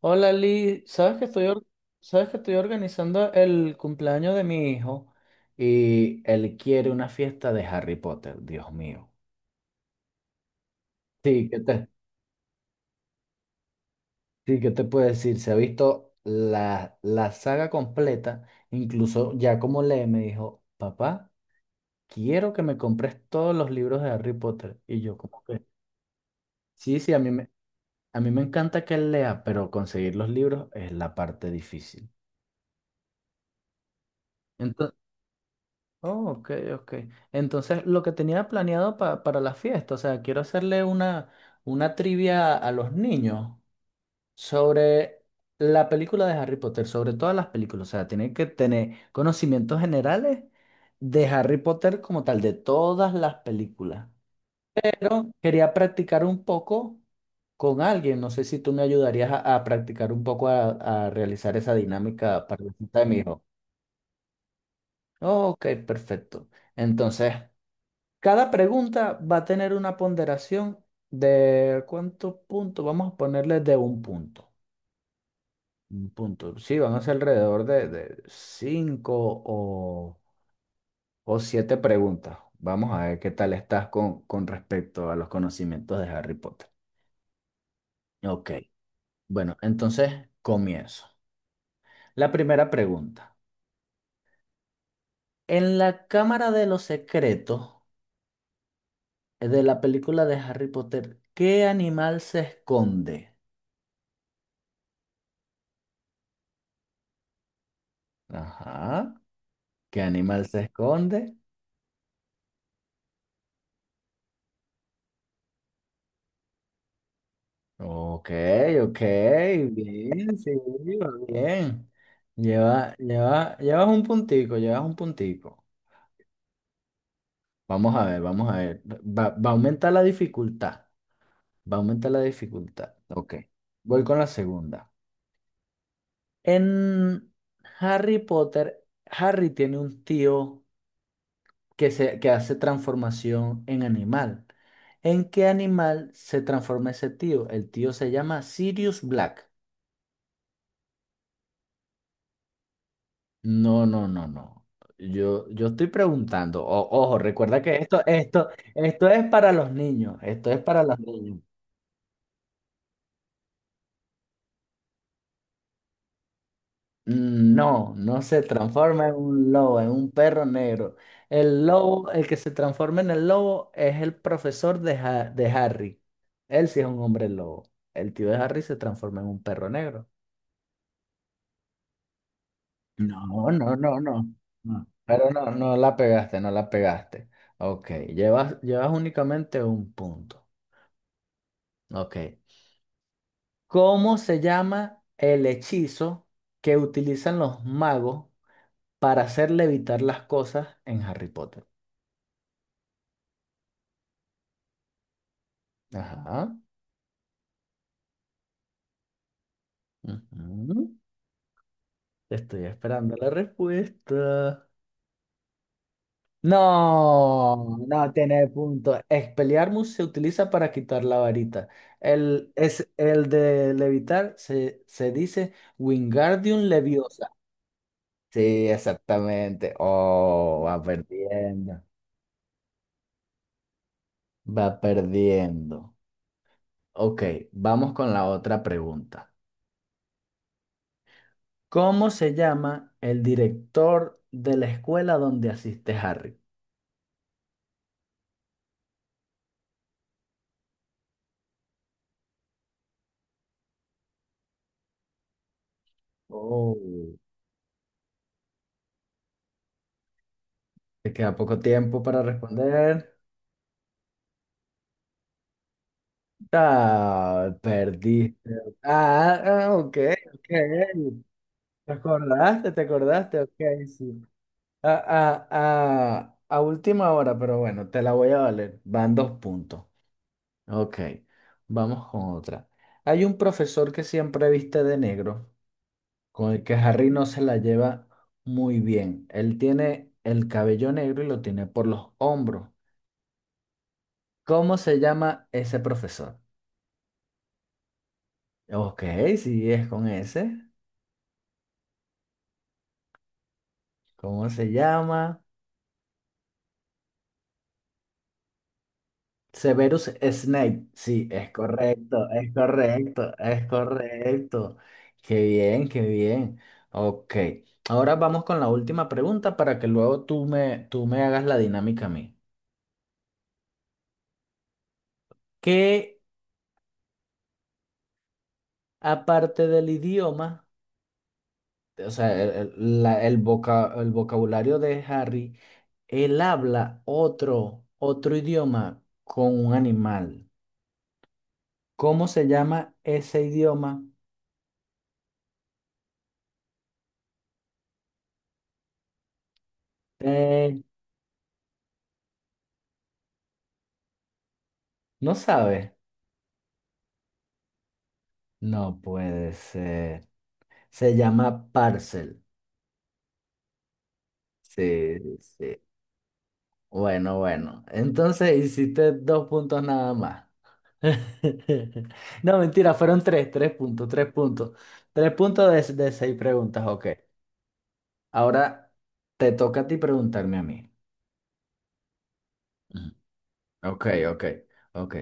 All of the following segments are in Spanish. Hola Lee, sabes que estoy, sabes que estoy organizando el cumpleaños de mi hijo y él quiere una fiesta de Harry Potter, Dios mío. Sí, ¿qué te, sí, ¿qué te puedo decir? Se ha visto la saga completa, incluso ya como lee, me dijo, papá, quiero que me compres todos los libros de Harry Potter. Y yo como que, sí, sí, a mí me encanta que él lea, pero conseguir los libros es la parte difícil. Oh, ok, ok. Entonces, lo que tenía planeado para la fiesta, o sea, quiero hacerle una trivia a los niños sobre la película de Harry Potter, sobre todas las películas. O sea, tienen que tener conocimientos generales de Harry Potter como tal, de todas las películas. Pero quería practicar un poco con alguien. No sé si tú me ayudarías a practicar un poco a realizar esa dinámica para la fiesta de mi hijo. Oh, ok, perfecto. Entonces, cada pregunta va a tener una ponderación de cuántos puntos, vamos a ponerle de un punto. Un punto. Sí, van a ser alrededor de cinco o, o siete preguntas. Vamos a ver qué tal estás con respecto a los conocimientos de Harry Potter. Ok, bueno, entonces comienzo. La primera pregunta. En la Cámara de los Secretos de la película de Harry Potter, ¿qué animal se esconde? Ajá. ¿Qué animal se esconde? Ok, ok, bien, sí, va bien. Llevas un puntico, llevas un puntico. Vamos a ver, vamos a ver. Va a aumentar la dificultad. Va a aumentar la dificultad. Ok. Voy con la segunda. En Harry Potter, Harry tiene un tío que, se, que hace transformación en animal. ¿En qué animal se transforma ese tío? El tío se llama Sirius Black. No, no, no, no. Yo estoy preguntando. Ojo, recuerda que esto es para los niños. Esto es para los niños. No, no se transforma en un lobo, en un perro negro. El lobo, el que se transforma en el lobo es el profesor de Harry. Él sí es un hombre lobo. El tío de Harry se transforma en un perro negro. No, no, no, no. No. Pero no, no la pegaste, no la pegaste. Ok, llevas únicamente un punto. Ok. ¿Cómo se llama el hechizo que utilizan los magos para hacer levitar las cosas en Harry Potter? Ajá. Ujú. Estoy esperando la respuesta. No, no tiene punto. Expelliarmus se utiliza para quitar la varita. El de levitar se dice Wingardium Leviosa. Sí, exactamente. Oh, va perdiendo. Va perdiendo. Ok, vamos con la otra pregunta. ¿Cómo se llama el director de la escuela donde asiste Harry? Oh. Te queda poco tiempo para responder. Ah, perdiste. Ah, ah, ok, ok. ¿Te acordaste? ¿Te acordaste? Ok, sí. Ah, ah, ah, a última hora, pero bueno, te la voy a valer. Van dos puntos. Ok, vamos con otra. Hay un profesor que siempre viste de negro, con el que Harry no se la lleva muy bien. Él tiene el cabello negro y lo tiene por los hombros. ¿Cómo se llama ese profesor? Ok, sí, es con ese. ¿Cómo se llama? Severus Snape. Sí, es correcto, es correcto, es correcto. Qué bien, qué bien. Ok, ahora vamos con la última pregunta para que luego tú me hagas la dinámica a mí. ¿Qué, aparte del idioma, o sea, el vocabulario de Harry, él habla otro idioma con un animal. ¿Cómo se llama ese idioma? Eh, ¿No sabes? No puede ser. Se llama parcel. Sí, sí. Bueno, bueno. Entonces hiciste dos puntos nada más. No, mentira, fueron tres, tres puntos, tres puntos. Tres puntos de seis preguntas, ok. Ahora te toca a ti preguntarme a mí. Ujú. Ok, ok, ok.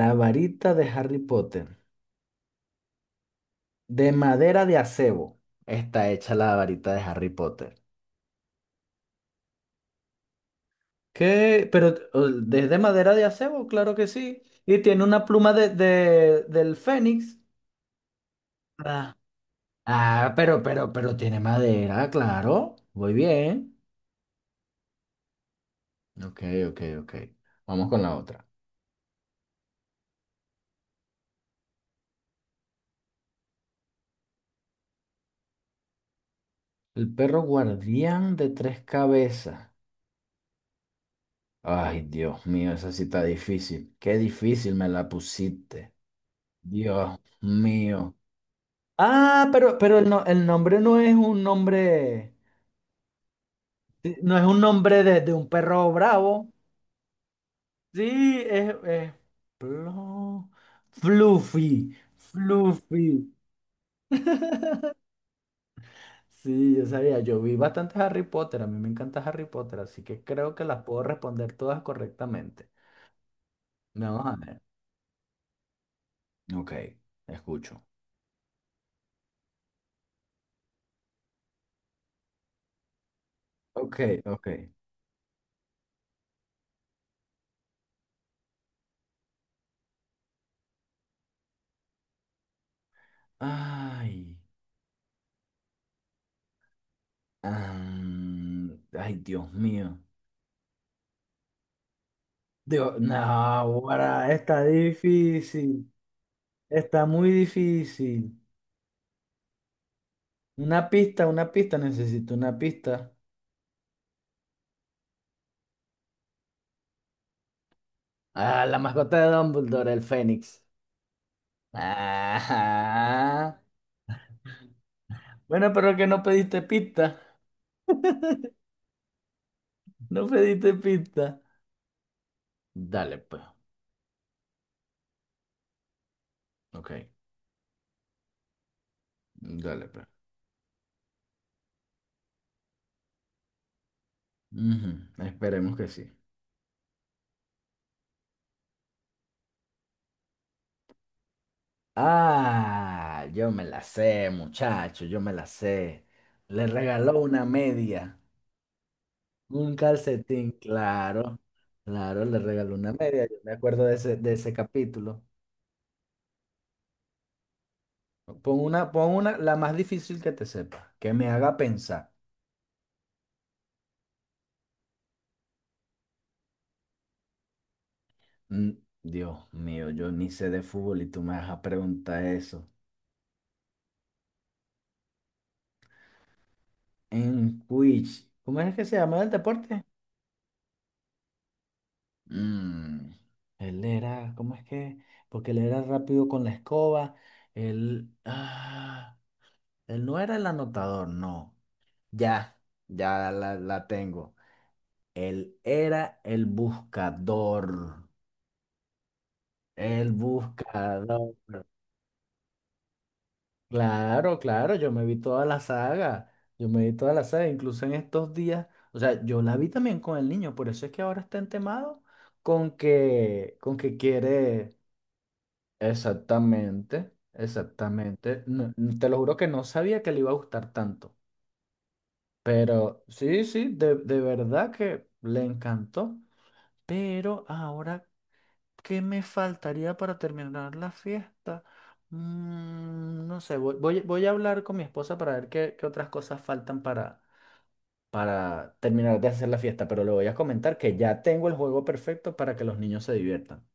La varita de Harry Potter, de madera de acebo, está hecha la varita de Harry Potter. ¿Qué? Pero desde madera de acebo, claro que sí. Y tiene una pluma del Fénix. Ah, ah, pero tiene madera, claro. Muy bien. Ok, ok, ok. Vamos con la otra. El perro guardián de tres cabezas. Ay, Dios mío, esa sí está difícil. Qué difícil me la pusiste. Dios mío. Ah, pero el nombre no es un nombre, sí, no es un nombre de un perro bravo. Sí, es Plo- Fluffy, Fluffy. Sí, yo sabía, yo vi bastante Harry Potter, a mí me encanta Harry Potter, así que creo que las puedo responder todas correctamente. Vamos a ver. Ok, escucho. Ok, ok. Ay, am, ay, Dios mío. Dios, no, ahora está difícil. Está muy difícil. Una pista, necesito una pista. Ah, la mascota de Dumbledore, el Fénix. Ah, bueno, pero que no pediste pista. No pediste pista. Dale, pues. Ok, dale, pues. Ujú, esperemos que sí. Ah, yo me la sé, muchacho, yo me la sé. Le regaló una media, un calcetín, claro, claro, le regaló una media. Yo me acuerdo de ese capítulo. Pon una, la más difícil que te sepa, que me haga pensar. Mm, Dios mío, yo ni sé de fútbol y tú me vas a preguntar eso. En Quidditch, ¿cómo es que se llama el deporte? Mm, él era, ¿cómo es que? Porque él era rápido con la escoba. Él, ah, él no era el anotador, no. Ya, ya la tengo. Él era el buscador. El buscador. Claro, claro, yo me vi toda la saga. Yo me vi toda la saga, incluso en estos días. O sea, yo la vi también con el niño, por eso es que ahora está entemado con que quiere. Exactamente, exactamente. No, te lo juro que no sabía que le iba a gustar tanto. Pero sí, sí, de verdad que le encantó. Pero ahora, ¿qué me faltaría para terminar la fiesta? Mm, no sé, voy a hablar con mi esposa para ver qué, qué otras cosas faltan para terminar de hacer la fiesta. Pero le voy a comentar que ya tengo el juego perfecto para que los niños se diviertan.